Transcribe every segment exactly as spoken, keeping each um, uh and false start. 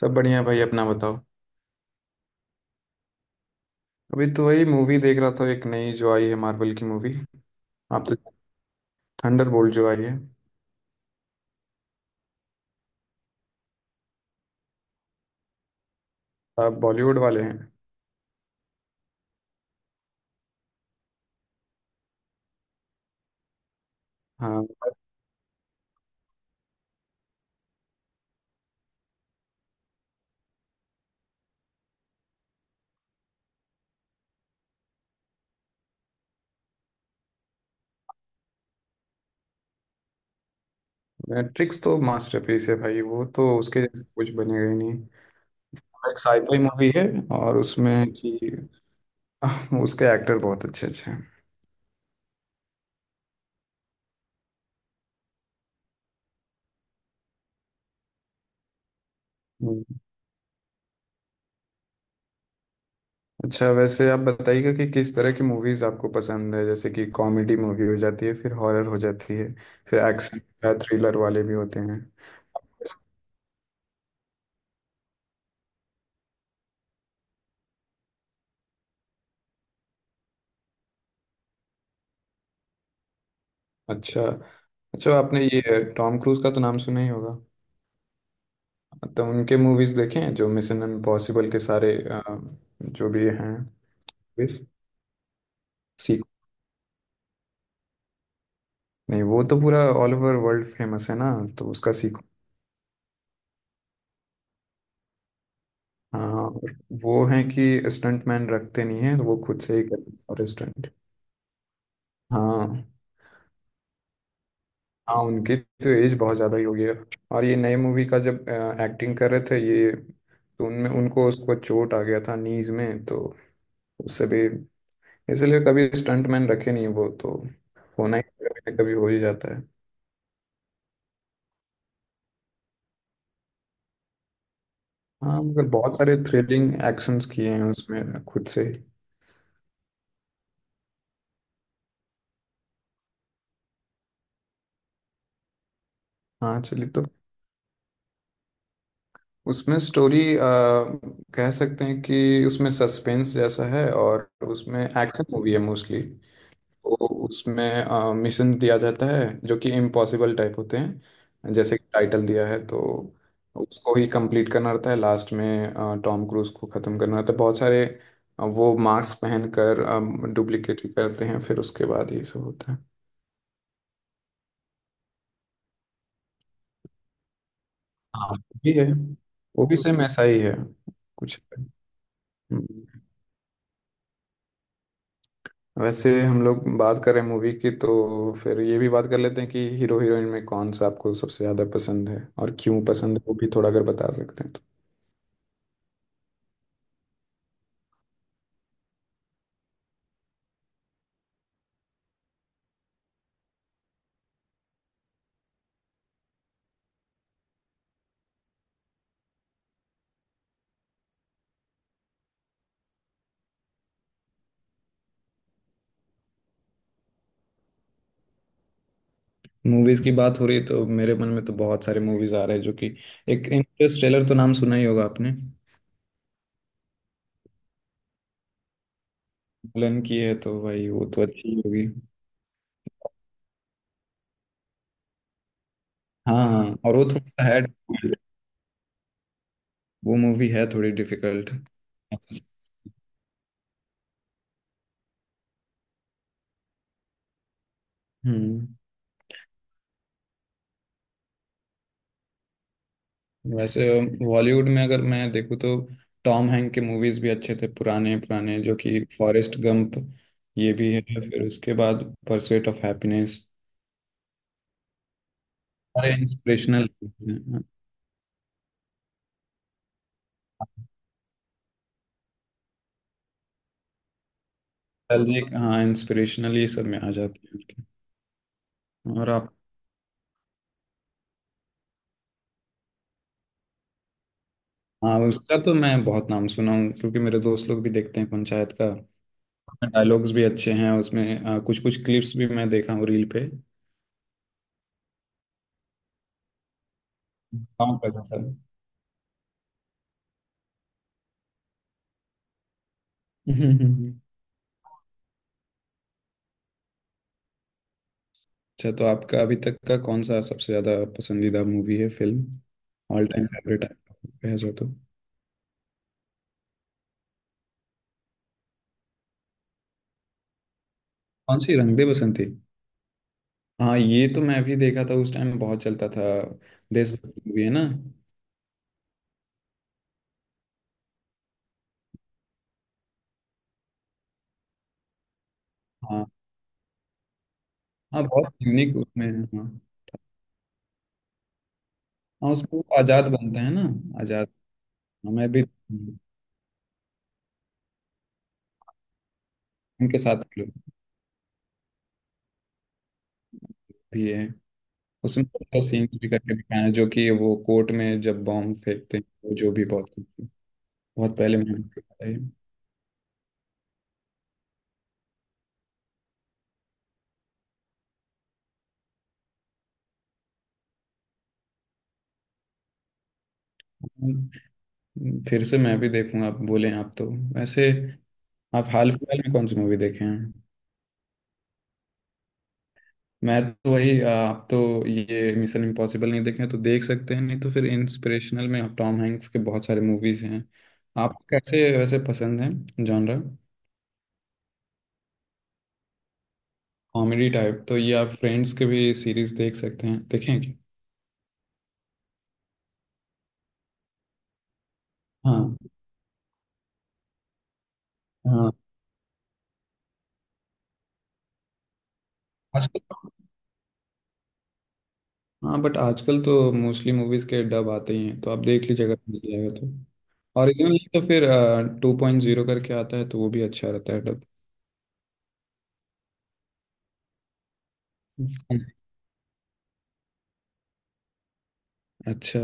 सब बढ़िया भाई, अपना बताओ। अभी तो वही मूवी देख रहा था, एक नई जो आई है मार्वल की मूवी। आप तो, थंडरबोल्ट जो आई है। आप बॉलीवुड वाले हैं? हाँ, ट्रिक्स तो मास्टरपीस है भाई, वो तो उसके जैसे कुछ बनेगा ही नहीं। एक साईफाई मूवी है और उसमें कि आह, उसके एक्टर बहुत अच्छे अच्छे हैं। हम्म। अच्छा, वैसे आप बताइएगा कि किस तरह की मूवीज आपको पसंद है। जैसे कि कॉमेडी मूवी हो जाती है, फिर हॉरर हो जाती है, फिर एक्शन या थ्रिलर वाले भी होते हैं। अच्छा अच्छा, आपने ये टॉम क्रूज का तो नाम सुना ही होगा। तो उनके मूवीज देखे हैं, जो मिशन इम्पॉसिबल के सारे अ, जो भी हैं मूवीज सीक्वल। नहीं, वो तो पूरा ऑल ओवर वर्ल्ड फेमस है ना, तो उसका सीक्वल। हाँ, और वो है कि स्टंट मैन रखते नहीं है, तो वो खुद से ही करते हैं सारे स्टंट। हाँ हाँ, उनकी तो एज बहुत ज़्यादा ही हो गई है। और ये नए मूवी का जब एक्टिंग कर रहे थे ये, तो उनमें उनको उसको चोट आ गया था नीज में, तो उससे भी इसलिए कभी स्टंटमैन रखे नहीं वो तो, होना ही कभी ना कभी हो ही जाता है। हाँ, मगर बहुत सारे थ्रिलिंग एक्शंस किए हैं उसमें खुद से। हाँ चलिए, तो उसमें स्टोरी, कह सकते हैं कि उसमें सस्पेंस जैसा है और उसमें एक्शन मूवी है मोस्टली। तो उसमें अ, मिशन दिया जाता है जो कि इम्पॉसिबल टाइप होते हैं, जैसे कि टाइटल दिया है तो। उसको ही कंप्लीट करना रहता है। लास्ट में अ, टॉम क्रूज को ख़त्म करना रहता है बहुत सारे। अ, वो मास्क पहनकर डुप्लीकेट करते हैं, फिर उसके बाद ये सब होता है। हाँ वो भी है। वो भी सेम ऐसा ही है कुछ। हम्म, वैसे हम लोग बात करें मूवी की, तो फिर ये भी बात कर लेते हैं कि हीरो हीरोइन में कौन सा आपको सबसे ज़्यादा पसंद है, और क्यों पसंद है वो भी थोड़ा अगर बता सकते हैं तो। मूवीज की बात हो रही है, तो मेरे मन में तो बहुत सारे मूवीज आ रहे हैं जो कि, एक इंटरस्टेलर तो नाम सुना ही होगा आपने। नोलन की है तो भाई, वो तो अच्छी ही होगी। हाँ हाँ, और वो थोड़ा सा है difficult, वो मूवी है थोड़ी डिफिकल्ट। हम्म। वैसे बॉलीवुड में अगर मैं देखूँ तो, टॉम हैंक के मूवीज भी अच्छे थे पुराने पुराने, जो कि फॉरेस्ट गंप ये भी है, फिर उसके बाद परस्यूट ऑफ हैप्पीनेस। और इंस्पिरेशनल, नॉस्टैल्जिक, हाँ इंस्पिरेशनल ये सब में आ जाते हैं। और आप? हाँ, उसका तो मैं बहुत नाम सुना हूँ क्योंकि मेरे दोस्त लोग भी देखते हैं पंचायत का। डायलॉग्स भी अच्छे हैं उसमें, कुछ कुछ क्लिप्स भी मैं देखा हूँ रील पे। गाँव का जैसा। अच्छा, तो आपका अभी तक का कौन सा सबसे ज्यादा पसंदीदा मूवी है, फिल्म? ऑल टाइम फेवरेट है जो तो? कौन सी? रंग दे बसंती? हाँ, ये तो मैं भी देखा था, उस टाइम बहुत चलता था। देशभक्ति मूवी है ना? हाँ हाँ, बहुत यूनिक उसमें है, हाँ। हाँ उसमें वो आजाद बनते हैं ना, आजाद। हाँ, मैं भी उनके साथ लोग भी है उसमें। बहुत सीन्स भी करके दिखाए हैं जो कि, वो कोर्ट में जब बॉम्ब फेंकते हैं, वो जो भी बहुत कुछ बहुत पहले मैंने देखा है। फिर से मैं भी देखूंगा, आप बोले आप तो। वैसे आप हाल फिलहाल में कौन सी मूवी देखे हैं? मैं तो वही आ, आप तो ये मिशन इम्पॉसिबल नहीं देखे हैं, तो देख सकते हैं। नहीं तो फिर इंस्पिरेशनल में आप टॉम हैंक्स के बहुत सारे मूवीज हैं। आपको कैसे वैसे पसंद है जॉनरा? कॉमेडी टाइप, तो ये आप फ्रेंड्स के भी सीरीज देख सकते हैं, देखें क्या? हाँ हाँ। आजकल, हाँ बट आजकल तो मोस्टली मूवीज के डब आते ही हैं, तो आप देख लीजिएगा, मिल जाएगा तो ओरिजिनल, नहीं तो फिर टू पॉइंट जीरो करके आता है, तो वो भी अच्छा रहता है डब। अच्छा।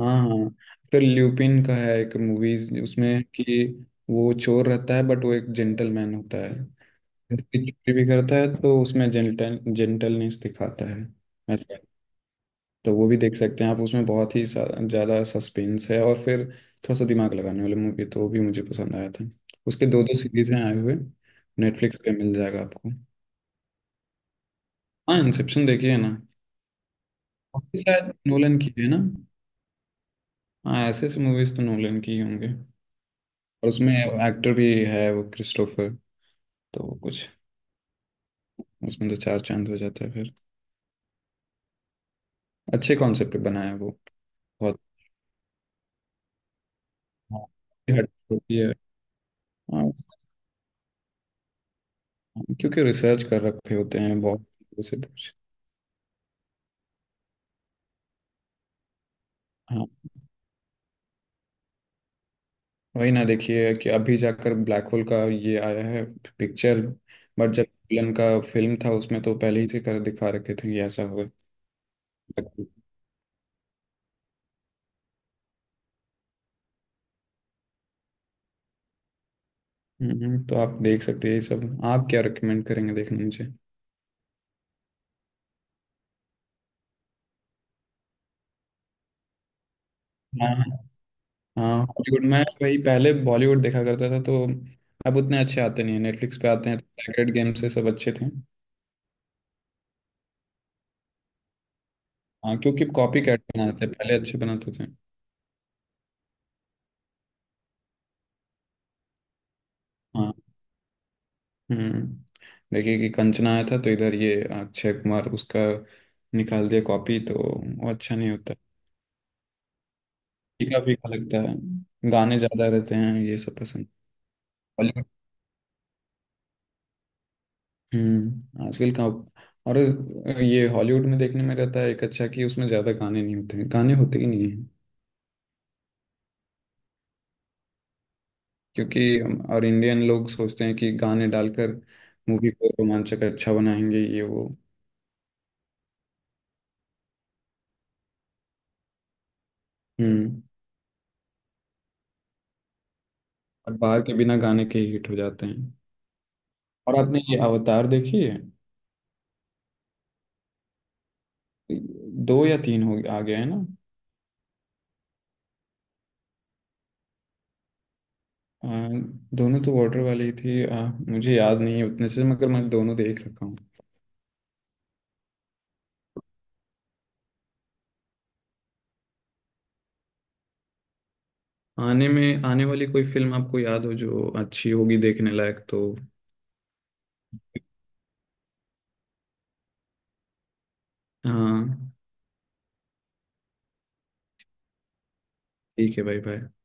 हाँ हाँ, फिर ल्यूपिन का है एक मूवीज, उसमें कि वो चोर रहता है बट वो एक जेंटलमैन होता है। चोरी भी करता है, तो उसमें जेंटल जेंटलनेस दिखाता है। तो वो भी देख सकते हैं आप, उसमें बहुत ही सा- ज़्यादा सस्पेंस है, और फिर थोड़ा सा दिमाग लगाने वाली मूवी, तो वो भी मुझे पसंद आया था। उसके दो दो सीरीज हैं आए हुए, नेटफ्लिक्स पे मिल जाएगा आपको। हाँ इंसेप्शन देखिए ना। ये शायद नोलन की है ना? हाँ, ऐसे ऐसे मूवीज तो नोलन की ही होंगे। और उसमें एक्टर भी है वो, क्रिस्टोफर। तो वो कुछ उसमें तो चार चांद हो जाता है फिर। अच्छे कॉन्सेप्ट पे बनाया है वो, बहुत हाँ, हट होती है। हाँ, क्योंकि रिसर्च कर रखे होते हैं बहुत से कुछ। हाँ। वही ना, देखिए कि अभी जाकर ब्लैक होल का ये आया है पिक्चर। बट जब विलन का फिल्म था उसमें, तो पहले ही से कर दिखा रखे थे ये ऐसा होगा। हम्म, तो आप देख सकते हैं ये सब। आप क्या रिकमेंड करेंगे देखने मुझे? हाँ हाँ, हॉलीवुड में वही। पहले बॉलीवुड देखा करता था तो, अब उतने अच्छे आते नहीं है। नेटफ्लिक्स पे आते हैं, तो सैक्रेड गेम से सब अच्छे थे। हाँ, क्योंकि कॉपी कैट बनाते थे, पहले अच्छे बनाते थे। हाँ। हम्म, देखिए कि कंचना आया था, तो इधर ये अक्षय कुमार उसका निकाल दिया कॉपी, तो वो अच्छा नहीं होता। फीका फीका लगता है, गाने ज्यादा रहते हैं, ये सब पसंद। हॉलीवुड। हम्म, आजकल का। और ये हॉलीवुड में देखने में रहता है एक अच्छा कि उसमें ज्यादा गाने नहीं होते हैं, गाने होते ही नहीं हैं। क्योंकि हम- और इंडियन लोग सोचते हैं कि गाने डालकर मूवी को रोमांचक अच्छा बनाएंगे, ये वो। हम्म। और बाहर के बिना गाने के हिट हो जाते हैं। और आपने ये अवतार देखी है? दो या तीन हो आ गए हैं ना? आ, दोनों तो वाटर वाली थी। आ, मुझे याद नहीं है उतने से, मगर मैं दोनों देख रखा हूँ। आने में, आने वाली कोई फिल्म आपको याद हो जो अच्छी होगी देखने लायक तो? हाँ। ठीक है भाई, भाई।